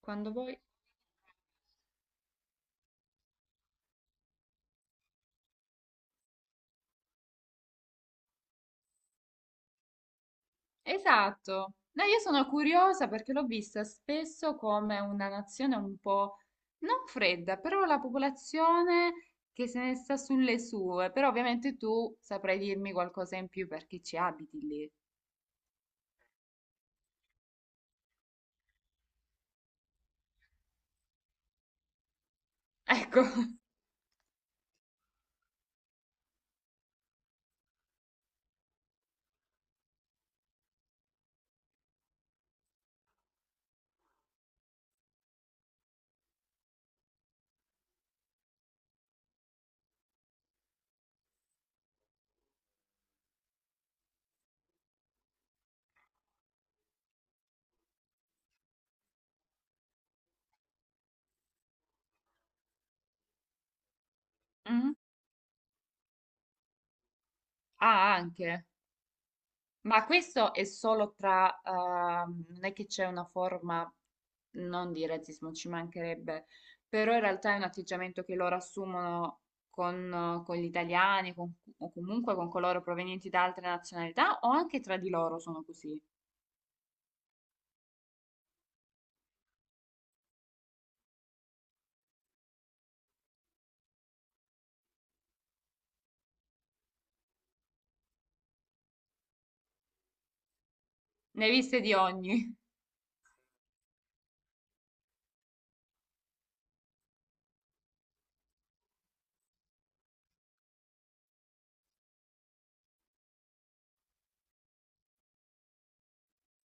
Quando vuoi. Esatto. No, io sono curiosa perché l'ho vista spesso come una nazione un po' non fredda, però la popolazione che se ne sta sulle sue. Però ovviamente tu saprai dirmi qualcosa in più perché ci abiti lì. Ecco. Mm? Ah, anche. Ma questo è solo tra, non è che c'è una forma, non di razzismo, ci mancherebbe, però in realtà è un atteggiamento che loro assumono con gli italiani o comunque con coloro provenienti da altre nazionalità o anche tra di loro sono così. Ne hai viste di ogni.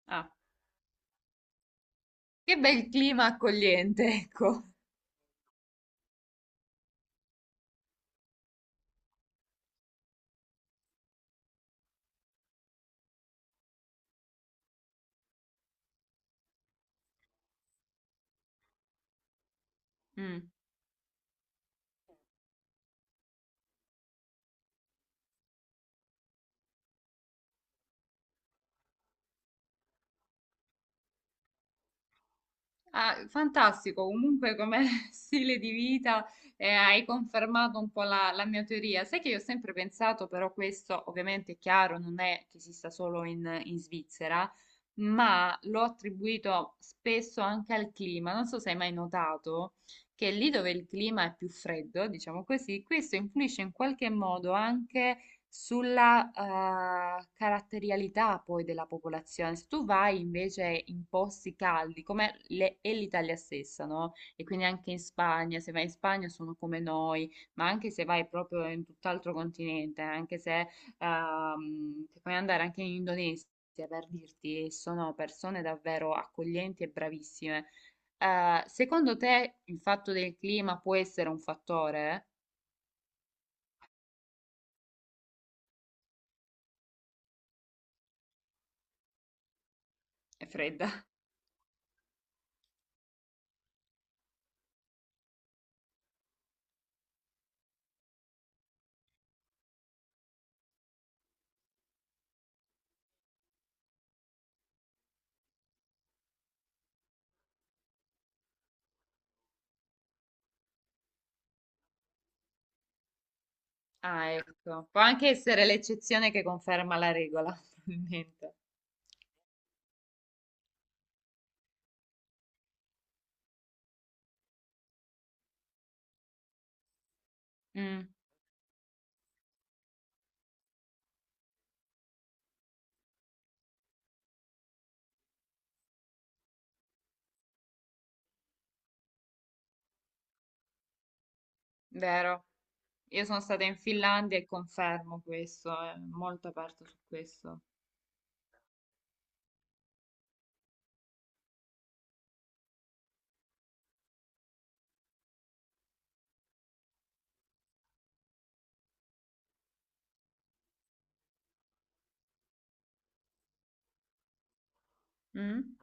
Ah, che bel clima accogliente, ecco. Mm. Ah, fantastico, comunque come stile di vita hai confermato un po' la mia teoria. Sai che io ho sempre pensato, però questo ovviamente è chiaro, non è che esista solo in Svizzera, ma l'ho attribuito spesso anche al clima. Non so se hai mai notato che lì dove il clima è più freddo, diciamo così, questo influisce in qualche modo anche sulla caratterialità poi della popolazione. Se tu vai invece in posti caldi, come è l'Italia stessa, no? E quindi anche in Spagna, se vai in Spagna sono come noi, ma anche se vai proprio in tutt'altro continente, anche se se puoi andare anche in Indonesia per dirti, sono persone davvero accoglienti e bravissime. Secondo te il fatto del clima può essere un fattore? È fredda. Ah, ecco. Può anche essere l'eccezione che conferma la regola, probabilmente. Mm, vero. Io sono stata in Finlandia e confermo questo, è molto aperto su questo. Mm?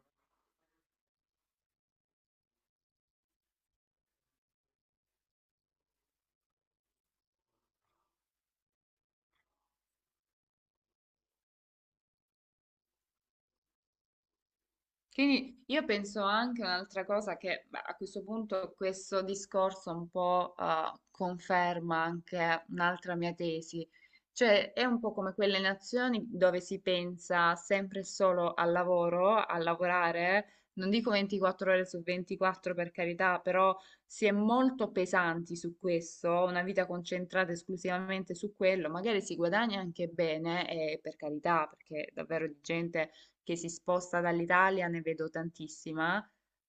Quindi io penso anche un'altra cosa che beh, a questo punto questo discorso un po' conferma anche un'altra mia tesi, cioè è un po' come quelle nazioni dove si pensa sempre e solo al lavoro, a lavorare, non dico 24 ore su 24 per carità, però si è molto pesanti su questo, una vita concentrata esclusivamente su quello, magari si guadagna anche bene, e per carità, perché davvero di gente che si sposta dall'Italia, ne vedo tantissima,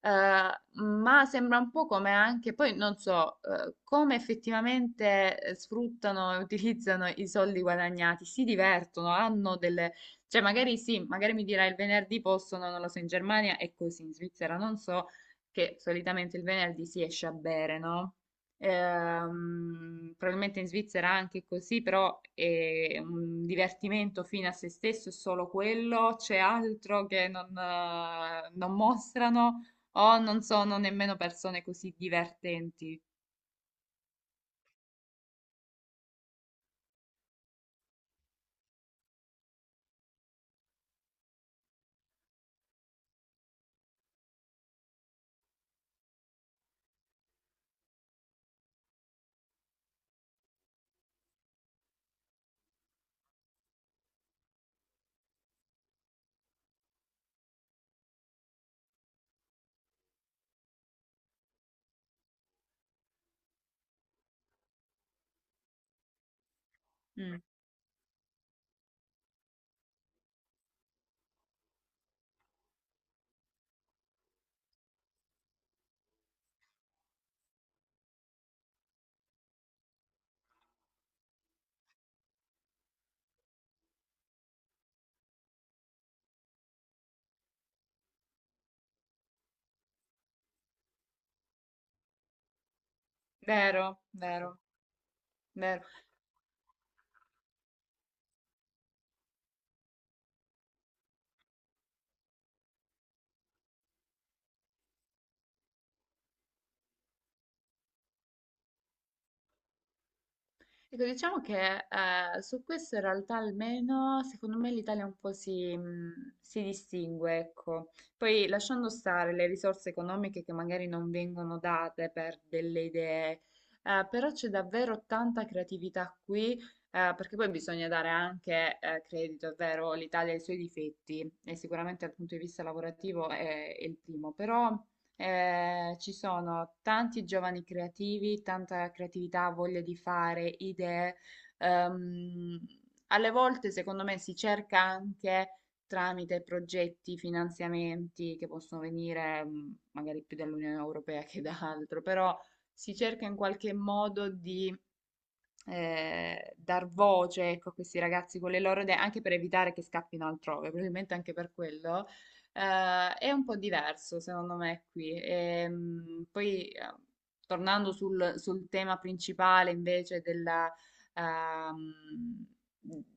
eh, ma sembra un po' come anche, poi non so, come effettivamente sfruttano e utilizzano i soldi guadagnati, si divertono, hanno delle, cioè magari sì, magari mi dirai il venerdì possono, non lo so, in Germania è così, in Svizzera non so, che solitamente il venerdì si esce a bere, no? Probabilmente in Svizzera anche così, però è un divertimento fino a se stesso, è solo quello, c'è altro che non, non mostrano o non sono nemmeno persone così divertenti. Mm, vero, vero, vero. Ecco, diciamo che su questo in realtà almeno secondo me l'Italia un po' si, si distingue, ecco. Poi lasciando stare le risorse economiche che magari non vengono date per delle idee, però c'è davvero tanta creatività qui, perché poi bisogna dare anche credito, è vero, l'Italia ha i suoi difetti e sicuramente dal punto di vista lavorativo è il primo, però... ci sono tanti giovani creativi, tanta creatività, voglia di fare, idee. Ehm, Alle volte, secondo me, si cerca anche tramite progetti, finanziamenti che possono venire magari più dall'Unione Europea che da altro, però si cerca in qualche modo di dar voce, ecco, a questi ragazzi con le loro idee, anche per evitare che scappino altrove, probabilmente anche per quello, è un po' diverso secondo me qui. Poi, tornando sul tema principale invece ehm,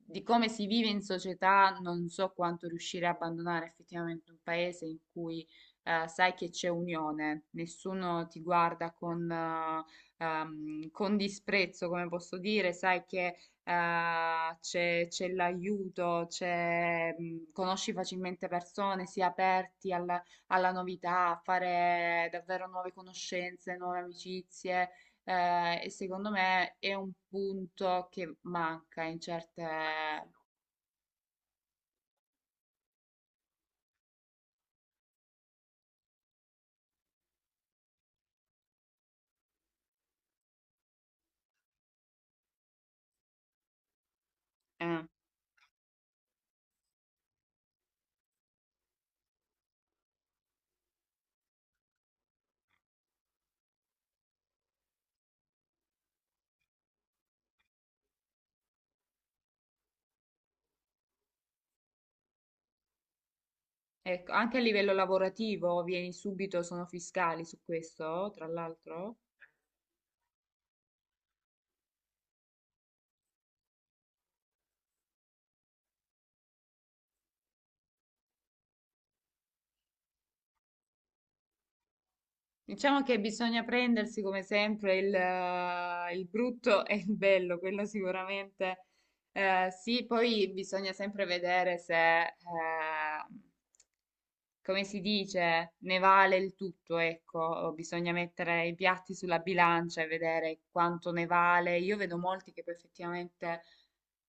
di come si vive in società, non so quanto riuscire a abbandonare effettivamente un paese in cui sai che c'è unione, nessuno ti guarda con disprezzo, come posso dire, sai che c'è l'aiuto, c'è, conosci facilmente persone, si è aperti alla novità, a fare davvero nuove conoscenze, nuove amicizie. Eh, e secondo me è un punto che manca in certe... Eh, ecco, anche a livello lavorativo vieni subito, sono fiscali su questo, tra l'altro. Diciamo che bisogna prendersi come sempre il brutto e il bello, quello sicuramente sì, poi bisogna sempre vedere se, come si dice, ne vale il tutto, ecco, bisogna mettere i piatti sulla bilancia e vedere quanto ne vale. Io vedo molti che poi effettivamente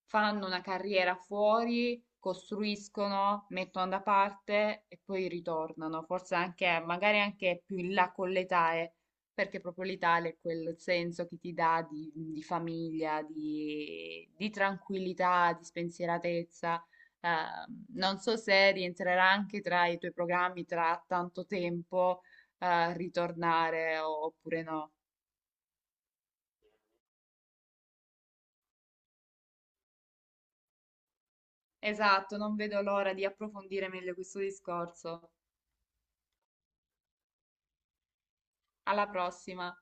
fanno una carriera fuori, costruiscono, mettono da parte e poi ritornano, forse anche, magari anche più in là con l'età, perché proprio l'Italia è quel senso che ti dà di famiglia, di tranquillità, di spensieratezza. Non so se rientrerà anche tra i tuoi programmi tra tanto tempo, ritornare oppure no. Esatto, non vedo l'ora di approfondire meglio questo discorso. Alla prossima.